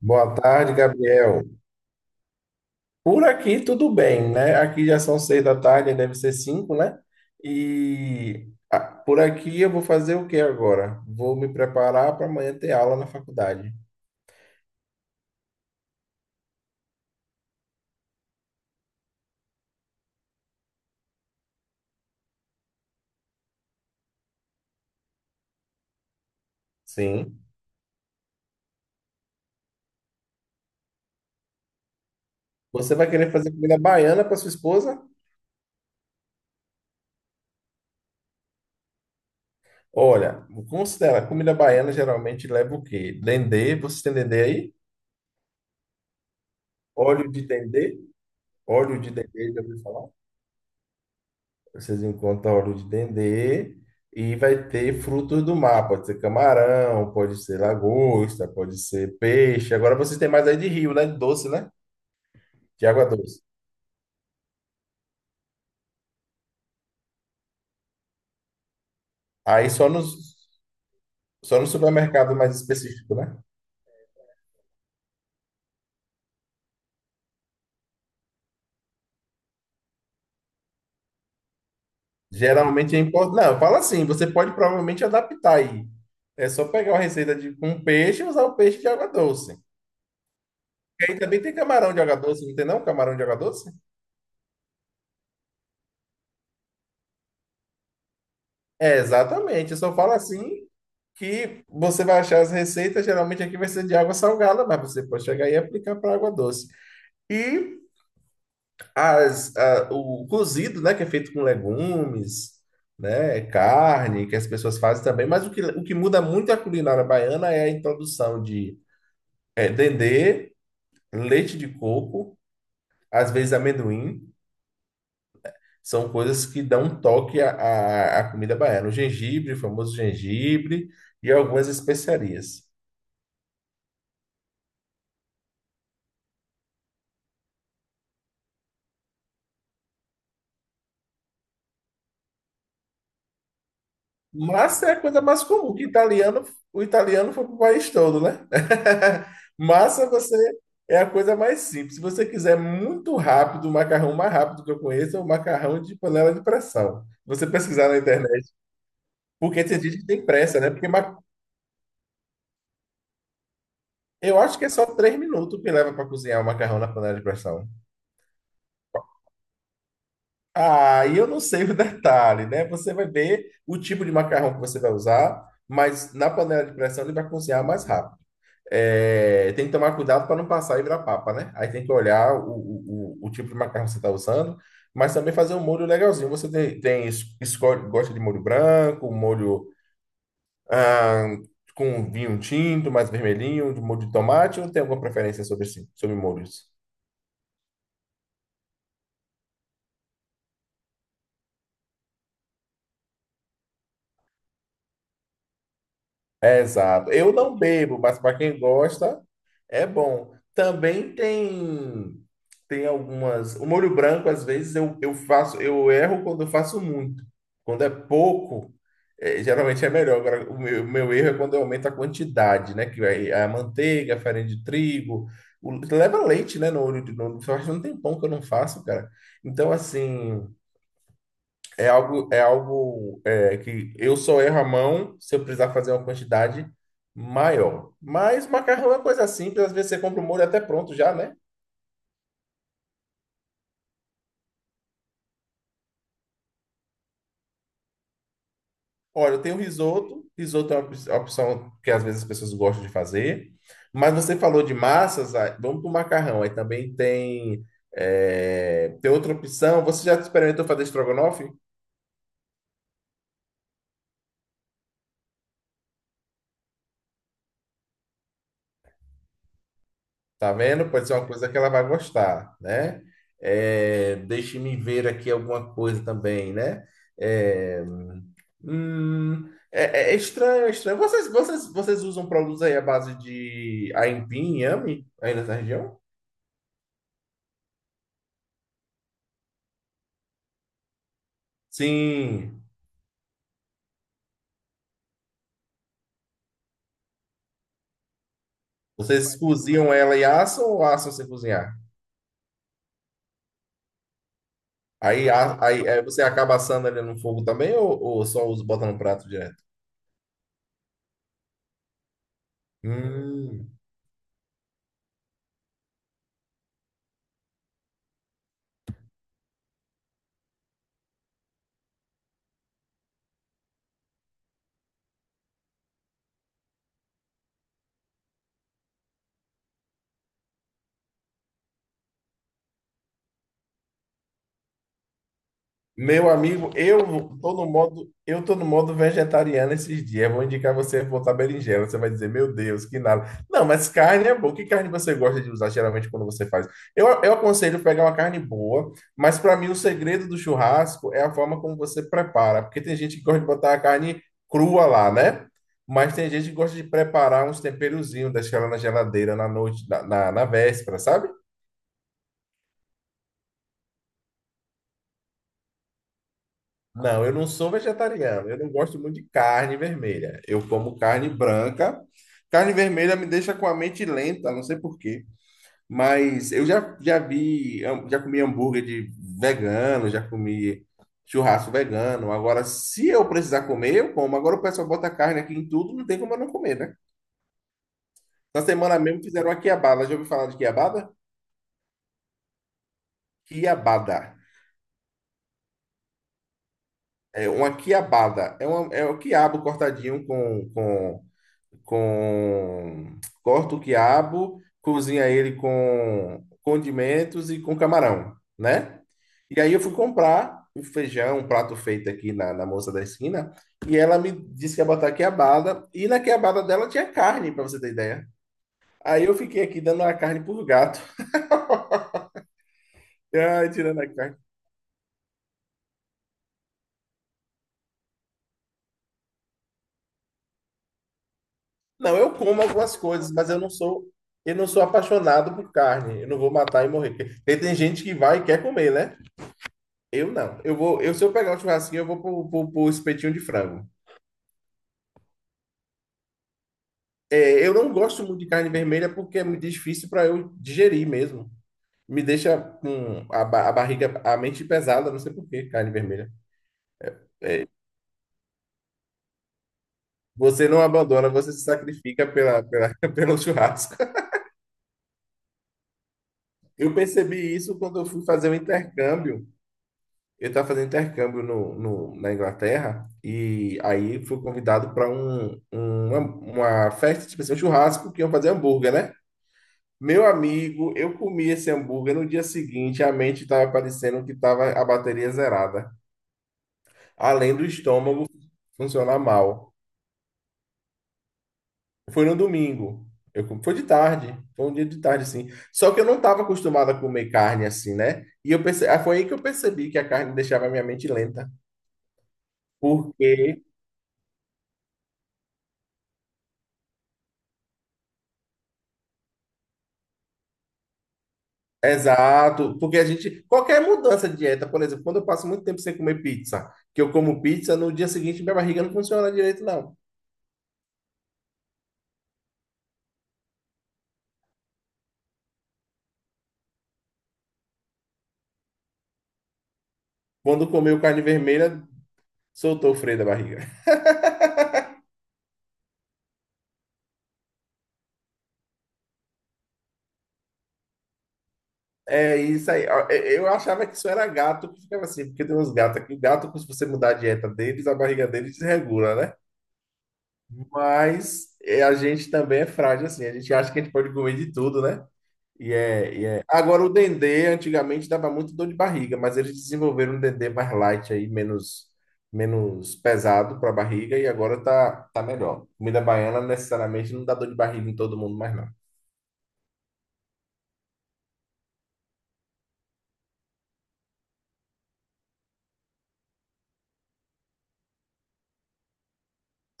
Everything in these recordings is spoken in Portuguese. Boa tarde, Gabriel. Por aqui tudo bem, né? Aqui já são 6 da tarde, aí deve ser 5, né? E por aqui eu vou fazer o que agora? Vou me preparar para amanhã ter aula na faculdade. Sim. Você vai querer fazer comida baiana para sua esposa? Olha, considera, comida baiana geralmente leva o quê? Dendê, vocês têm dendê aí? Óleo de dendê? Óleo de dendê, já ouviu falar? Vocês encontram óleo de dendê e vai ter frutos do mar. Pode ser camarão, pode ser lagosta, pode ser peixe. Agora vocês têm mais aí de rio, né? De doce, né? De água doce. Aí só no supermercado mais específico, né? Geralmente é importante. Não, fala assim, você pode provavelmente adaptar aí. É só pegar uma receita de com peixe e usar o peixe de água doce. E aí também tem camarão de água doce, não tem não? Camarão de água doce? É, exatamente. Eu só falo assim que você vai achar as receitas, geralmente aqui vai ser de água salgada, mas você pode chegar e aplicar para água doce. E o cozido, né, que é feito com legumes, né, carne, que as pessoas fazem também, mas o que muda muito a culinária baiana é a introdução de dendê, leite de coco, às vezes amendoim. São coisas que dão um toque à comida baiana. O gengibre, o famoso gengibre e algumas especiarias. Massa é a coisa mais comum, o italiano foi para o país todo, né? Massa você é a coisa mais simples. Se você quiser muito rápido, o macarrão mais rápido que eu conheço é o macarrão de panela de pressão. Você pesquisar na internet, porque tem gente que tem pressa, né? Eu acho que é só 3 minutos que leva para cozinhar o macarrão na panela de pressão. Ah, e eu não sei o detalhe, né? Você vai ver o tipo de macarrão que você vai usar, mas na panela de pressão ele vai cozinhar mais rápido. Tem que tomar cuidado para não passar e virar papa, né? Aí tem que olhar o tipo de macarrão que você está usando, mas também fazer um molho legalzinho. Você escolhe, gosta de molho branco, um molho ah, com vinho tinto, mais vermelhinho, de molho de tomate, ou tem alguma preferência sobre molhos? Exato. Eu não bebo, mas para quem gosta, é bom. Também tem algumas. O molho branco, às vezes, eu erro quando eu faço muito. Quando é pouco, geralmente é melhor. Agora, o meu erro é quando eu aumento a quantidade, né? Que vai a manteiga, a farinha de trigo. Leva leite, né? No olho de novo. Eu acho que não tem pão que eu não faço, cara. Então, assim. É algo, que eu só erro a mão se eu precisar fazer uma quantidade maior. Mas macarrão é coisa simples, às vezes você compra o molho até pronto já, né? Olha, eu tenho risoto, risoto é uma opção que às vezes as pessoas gostam de fazer. Mas você falou de massas, aí vamos para o macarrão. Aí também tem outra opção. Você já experimentou fazer estrogonofe? Tá vendo? Pode ser uma coisa que ela vai gostar, né? É, deixe-me ver aqui alguma coisa também, né? É, é estranho, é estranho. Vocês usam produtos aí à base de aipim, inhame, aí nessa região? Sim. Vocês Mas, cozinham ela e assam ou assam sem cozinhar? Aí você acaba assando ali no fogo também ou só usa, bota no prato direto? Hum. Meu amigo, eu tô no modo vegetariano esses dias. Eu vou indicar você botar berinjela. Você vai dizer, meu Deus, que nada. Não, mas carne é boa. Que carne você gosta de usar geralmente quando você faz? Eu aconselho pegar uma carne boa, mas para mim o segredo do churrasco é a forma como você prepara, porque tem gente que gosta de botar a carne crua lá, né? Mas tem gente que gosta de preparar uns temperozinhos, deixar ela na geladeira na noite, na véspera, sabe? Não, eu não sou vegetariano. Eu não gosto muito de carne vermelha. Eu como carne branca. Carne vermelha me deixa com a mente lenta, não sei por quê. Mas eu já vi, já comi hambúrguer de vegano, já comi churrasco vegano. Agora, se eu precisar comer, eu como. Agora o pessoal bota carne aqui em tudo, não tem como eu não comer, né? Na semana mesmo fizeram uma quiabada. Já ouviu falar de quiabada? Quiabada. É uma quiabada. É o quiabo cortadinho com corta o quiabo, cozinha ele com condimentos e com camarão, né? E aí eu fui comprar o feijão, um prato feito aqui na, moça da esquina, e ela me disse que ia botar quiabada, e na quiabada dela tinha carne, para você ter ideia. Aí eu fiquei aqui dando a carne por gato, Ai, tirando a carne. Não, eu como algumas coisas, mas eu não sou apaixonado por carne. Eu não vou matar e morrer. Porque tem gente que vai e quer comer, né? Eu não. Se eu pegar o churrasquinho, eu vou pro, pro espetinho de frango. É, eu não gosto muito de carne vermelha porque é muito difícil para eu digerir mesmo. Me deixa com a barriga, a mente pesada, não sei por que carne vermelha. Você não abandona, você se sacrifica pelo churrasco. Eu percebi isso quando eu fui fazer um intercâmbio. Eu estava fazendo intercâmbio na Inglaterra e aí fui convidado para uma festa, tipo assim, um churrasco que iam fazer hambúrguer, né? Meu amigo, eu comi esse hambúrguer no dia seguinte, a mente estava parecendo que estava a bateria zerada, além do estômago funcionar mal. Foi no domingo. Foi de tarde, foi um dia de tarde, sim. Só que eu não estava acostumado a comer carne assim, né? E foi aí que eu percebi que a carne deixava a minha mente lenta. Porque, exato, porque a gente, qualquer mudança de dieta, por exemplo, quando eu passo muito tempo sem comer pizza, que eu como pizza, no dia seguinte minha barriga não funciona direito, não. Quando comeu carne vermelha, soltou o freio da barriga. É isso aí. Ó, eu achava que isso era gato que ficava assim, porque tem uns gatos que gato, se você mudar a dieta deles, a barriga deles desregula, né? Mas é, a gente também é frágil assim. A gente acha que a gente pode comer de tudo, né? E é, e é. Agora, o dendê antigamente dava muito dor de barriga, mas eles desenvolveram um dendê mais light aí, menos pesado para a barriga, e agora tá melhor. Comida baiana necessariamente não dá dor de barriga em todo mundo mais, não.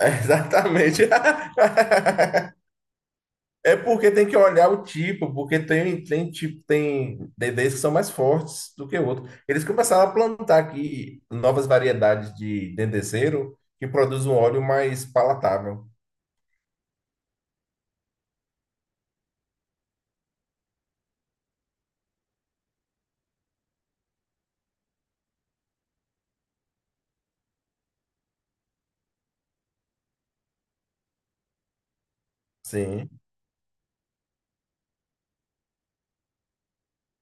Exatamente. É porque tem que olhar o tipo, porque tem tipo, tem DDs que são mais fortes do que outros. Eles começaram a plantar aqui novas variedades de dendezeiro que produz um óleo mais palatável. Sim,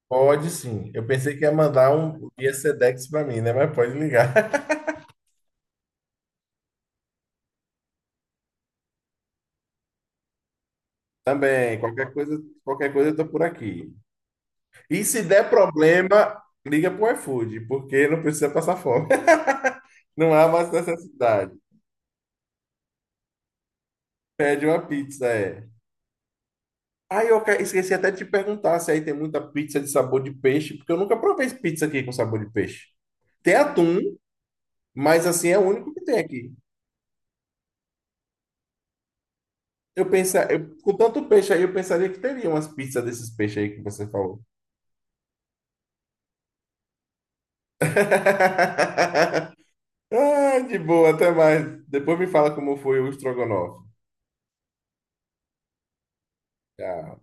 pode sim. Eu pensei que ia mandar um Via Sedex para mim, né? Mas pode ligar. Também, qualquer coisa eu tô por aqui. E se der problema, liga pro iFood, porque não precisa passar fome. Não há mais necessidade. Pede uma pizza, é. Aí eu esqueci até de te perguntar se aí tem muita pizza de sabor de peixe, porque eu nunca provei pizza aqui com sabor de peixe. Tem atum, mas assim é o único que tem aqui. Eu pensei, com tanto peixe aí, eu pensaria que teria umas pizzas desses peixes aí que você falou. Ah, de boa, até mais. Depois me fala como foi o estrogonofe. Tchau.